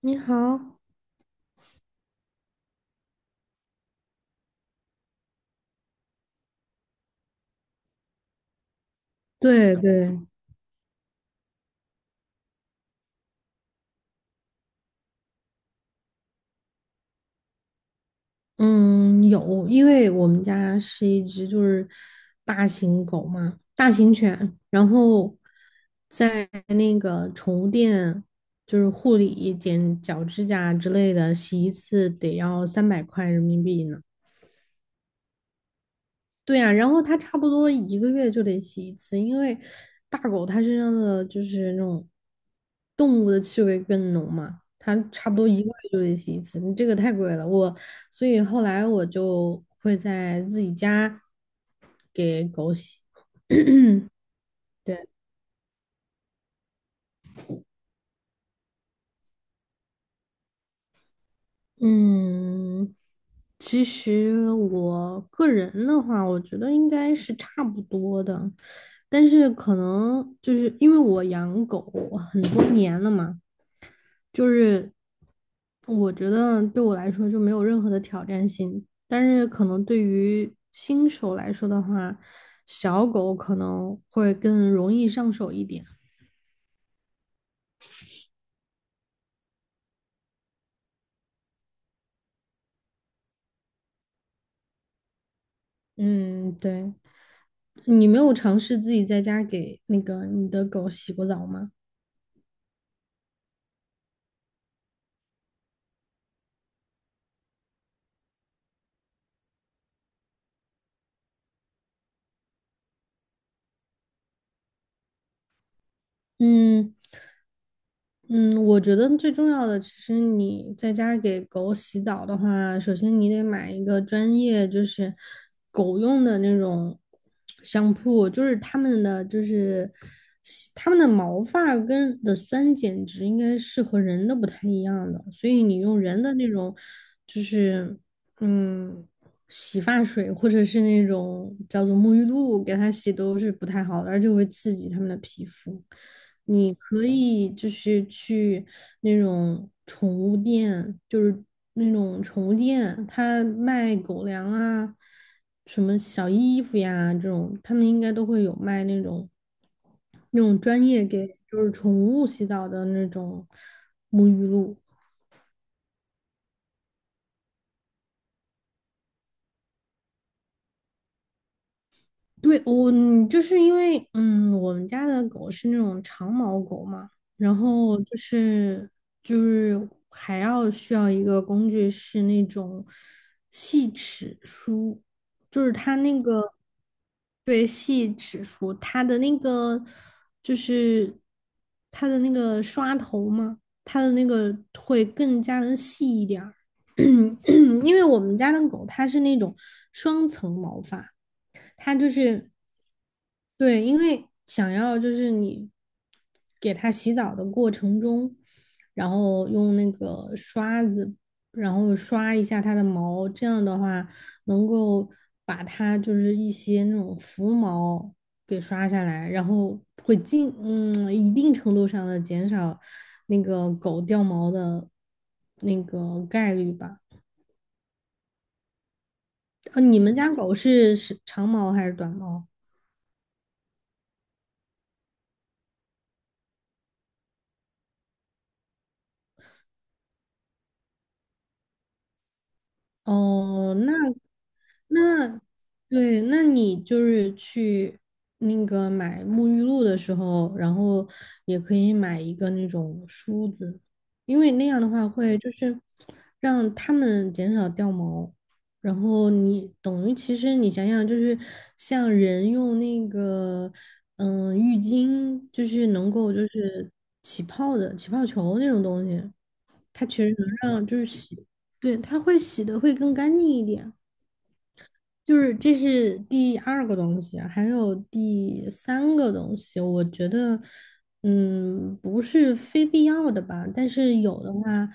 你好，对对，嗯，有，因为我们家是一只大型狗嘛，大型犬，然后在那个宠物店护理、剪脚趾甲之类的，洗一次得要300块人民币呢。对呀、然后它差不多一个月就得洗一次，因为大狗它身上的那种动物的气味更浓嘛，它差不多一个月就得洗一次，你这个太贵了。所以后来我就会在自己家给狗洗。对，嗯，其实我个人的话，我觉得应该是差不多的，但是可能就是因为我养狗很多年了嘛。就是我觉得对我来说就没有任何的挑战性，但是可能对于新手来说的话，小狗可能会更容易上手一点。嗯，对，你没有尝试自己在家给你的狗洗过澡吗？嗯。嗯，我觉得最重要的，其实你在家给狗洗澡的话，首先你得买一个专业，就是狗用的那种香铺，就是他们的毛发跟的酸碱值应该是和人的不太一样的，所以你用人的那种，就是嗯，洗发水或者是那种叫做沐浴露给它洗都是不太好的，而且会刺激它们的皮肤。你可以就是去那种宠物店，它卖狗粮啊，什么小衣服呀这种，他们应该都会有卖那种专业给就是宠物洗澡的那种沐浴露。对，就是因为我们家的狗是那种长毛狗嘛，然后还要需要一个工具是那种细齿梳，就是它那个对细齿梳，就是它的那个刷头嘛，它的那个会更加的细一点儿，因为我们家的狗它是那种双层毛发。它就是对，因为想要就是你给它洗澡的过程中，然后用那个刷子，然后刷一下它的毛，这样的话能够把它就是一些那种浮毛给刷下来，然后会尽一定程度上的减少那个狗掉毛的那个概率吧。呃，你们家狗是长毛还是短毛？哦，那对，那你就是去那个买沐浴露的时候，然后也可以买一个那种梳子，因为那样的话会就是让它们减少掉毛。然后你等于其实你想想，就是像人用那个浴巾，就是能够就是起泡的起泡球那种东西。它其实能让就是洗，对，它会洗的会更干净一点。就是这是第二个东西啊还有第3个东西，我觉得，嗯，不是非必要的吧，但是有的话，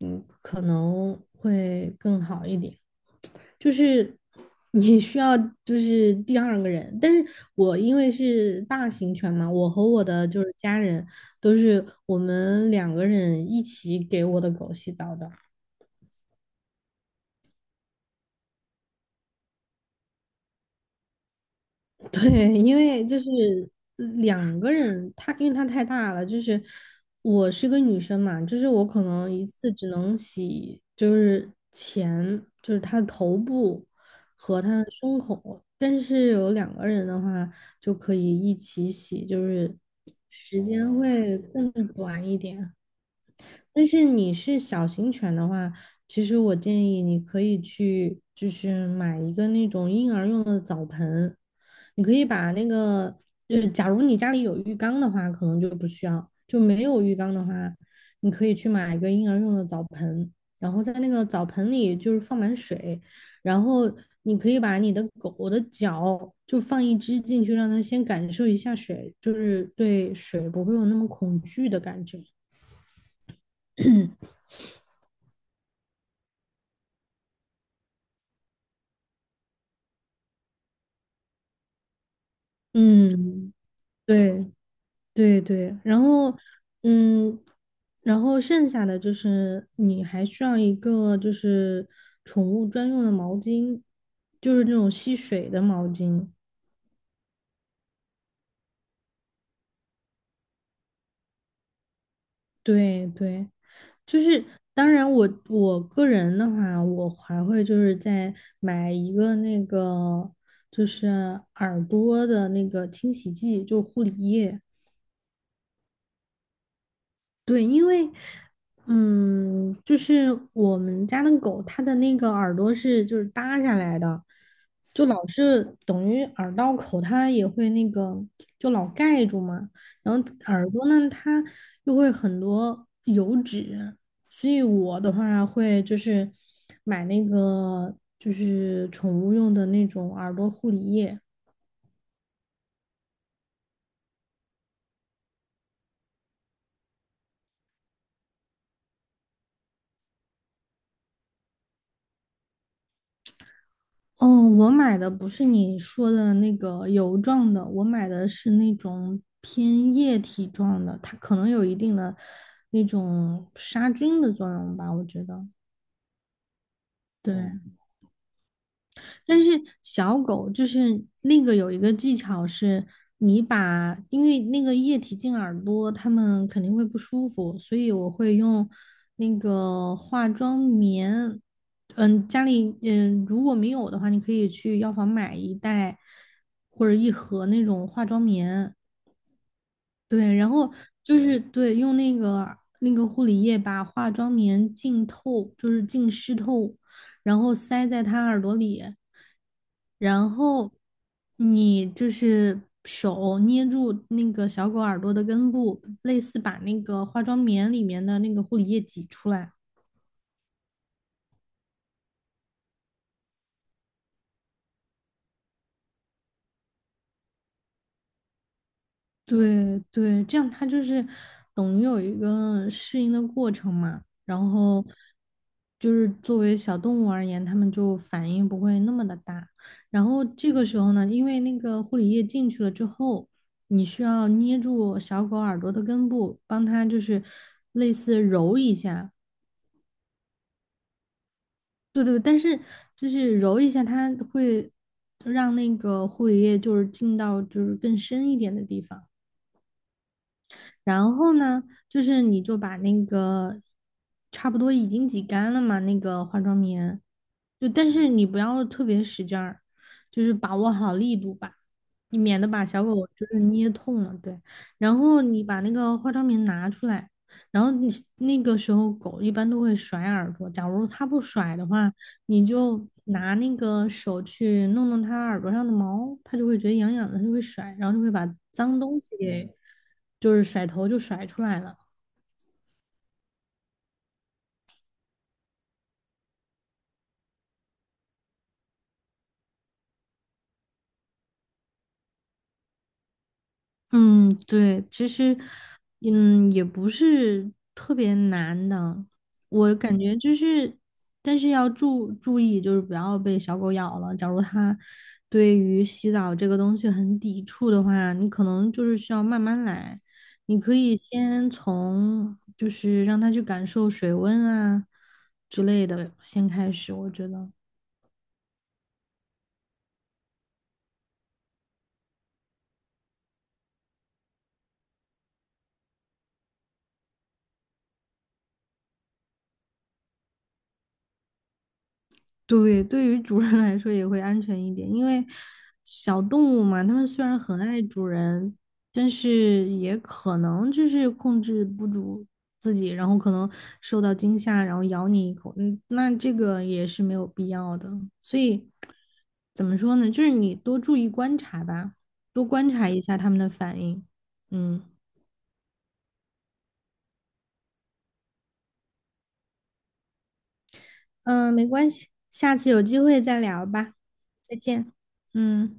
嗯，可能会更好一点。就是你需要第二个人，但是我因为是大型犬嘛，我和我的家人都是我们两个人一起给我的狗洗澡的。对，因为两个人，他因为他太大了，就是我是个女生嘛，就是我可能一次只能洗，就是前，就是他的头部和他的胸口，但是有两个人的话就可以一起洗，就是时间会更短一点。但是你是小型犬的话，其实我建议你可以去，就是买一个那种婴儿用的澡盆，你可以把那个，就是假如你家里有浴缸的话，可能就不需要；就没有浴缸的话，你可以去买一个婴儿用的澡盆，然后在那个澡盆里就是放满水，然后你可以把你的狗的脚就放一只进去，让它先感受一下水，就是对水不会有那么恐惧的感觉。嗯。对对对，然后嗯，然后剩下的就是你还需要一个就是宠物专用的毛巾，就是那种吸水的毛巾。对对，就是当然我个人的话，我还会就是再买一个那个就是耳朵的那个清洗剂，就护理液。对，因为，嗯，就是我们家的狗，它的那个耳朵是就是耷下来的，就老是等于耳道口，它也会那个就老盖住嘛。然后耳朵呢，它又会很多油脂，所以我的话会就是买那个就是宠物用的那种耳朵护理液，哦，我买的不是你说的那个油状的，我买的是那种偏液体状的，它可能有一定的那种杀菌的作用吧，我觉得。对，但是小狗就是那个有一个技巧是，你把因为那个液体进耳朵，它们肯定会不舒服，所以我会用那个化妆棉。嗯，家里如果没有的话，你可以去药房买1袋或者1盒那种化妆棉，对，然后对，用那个护理液把化妆棉浸透，就是浸湿透，然后塞在他耳朵里，然后你就是手捏住那个小狗耳朵的根部，类似把那个化妆棉里面的那个护理液挤出来。对对，这样它就是等于有一个适应的过程嘛，然后就是作为小动物而言，它们就反应不会那么的大。然后这个时候呢，因为那个护理液进去了之后，你需要捏住小狗耳朵的根部，帮它就是类似揉一下。对对，但是就是揉一下，它会让那个护理液就是进到就是更深一点的地方。然后呢，就是你就把那个差不多已经挤干了嘛，那个化妆棉，就但是你不要特别使劲儿，就是把握好力度吧，你免得把小狗就是捏痛了。对，然后你把那个化妆棉拿出来，然后你那个时候狗一般都会甩耳朵，假如它不甩的话，你就拿那个手去弄弄它耳朵上的毛，它就会觉得痒痒的，它就会甩，然后就会把脏东西给甩头就甩出来了。嗯，对，其实，嗯，也不是特别难的，我感觉就是，但是要注意，就是不要被小狗咬了。假如它对于洗澡这个东西很抵触的话，你可能就是需要慢慢来。你可以先从就是让它去感受水温啊之类的先开始，我觉得。对，对于主人来说也会安全一点，因为小动物嘛，它们虽然很爱主人，但是也可能就是控制不住自己，然后可能受到惊吓，然后咬你一口，嗯，那这个也是没有必要的。所以怎么说呢？就是你多注意观察吧，多观察一下它们的反应。嗯嗯，没关系，下次有机会再聊吧，再见。嗯。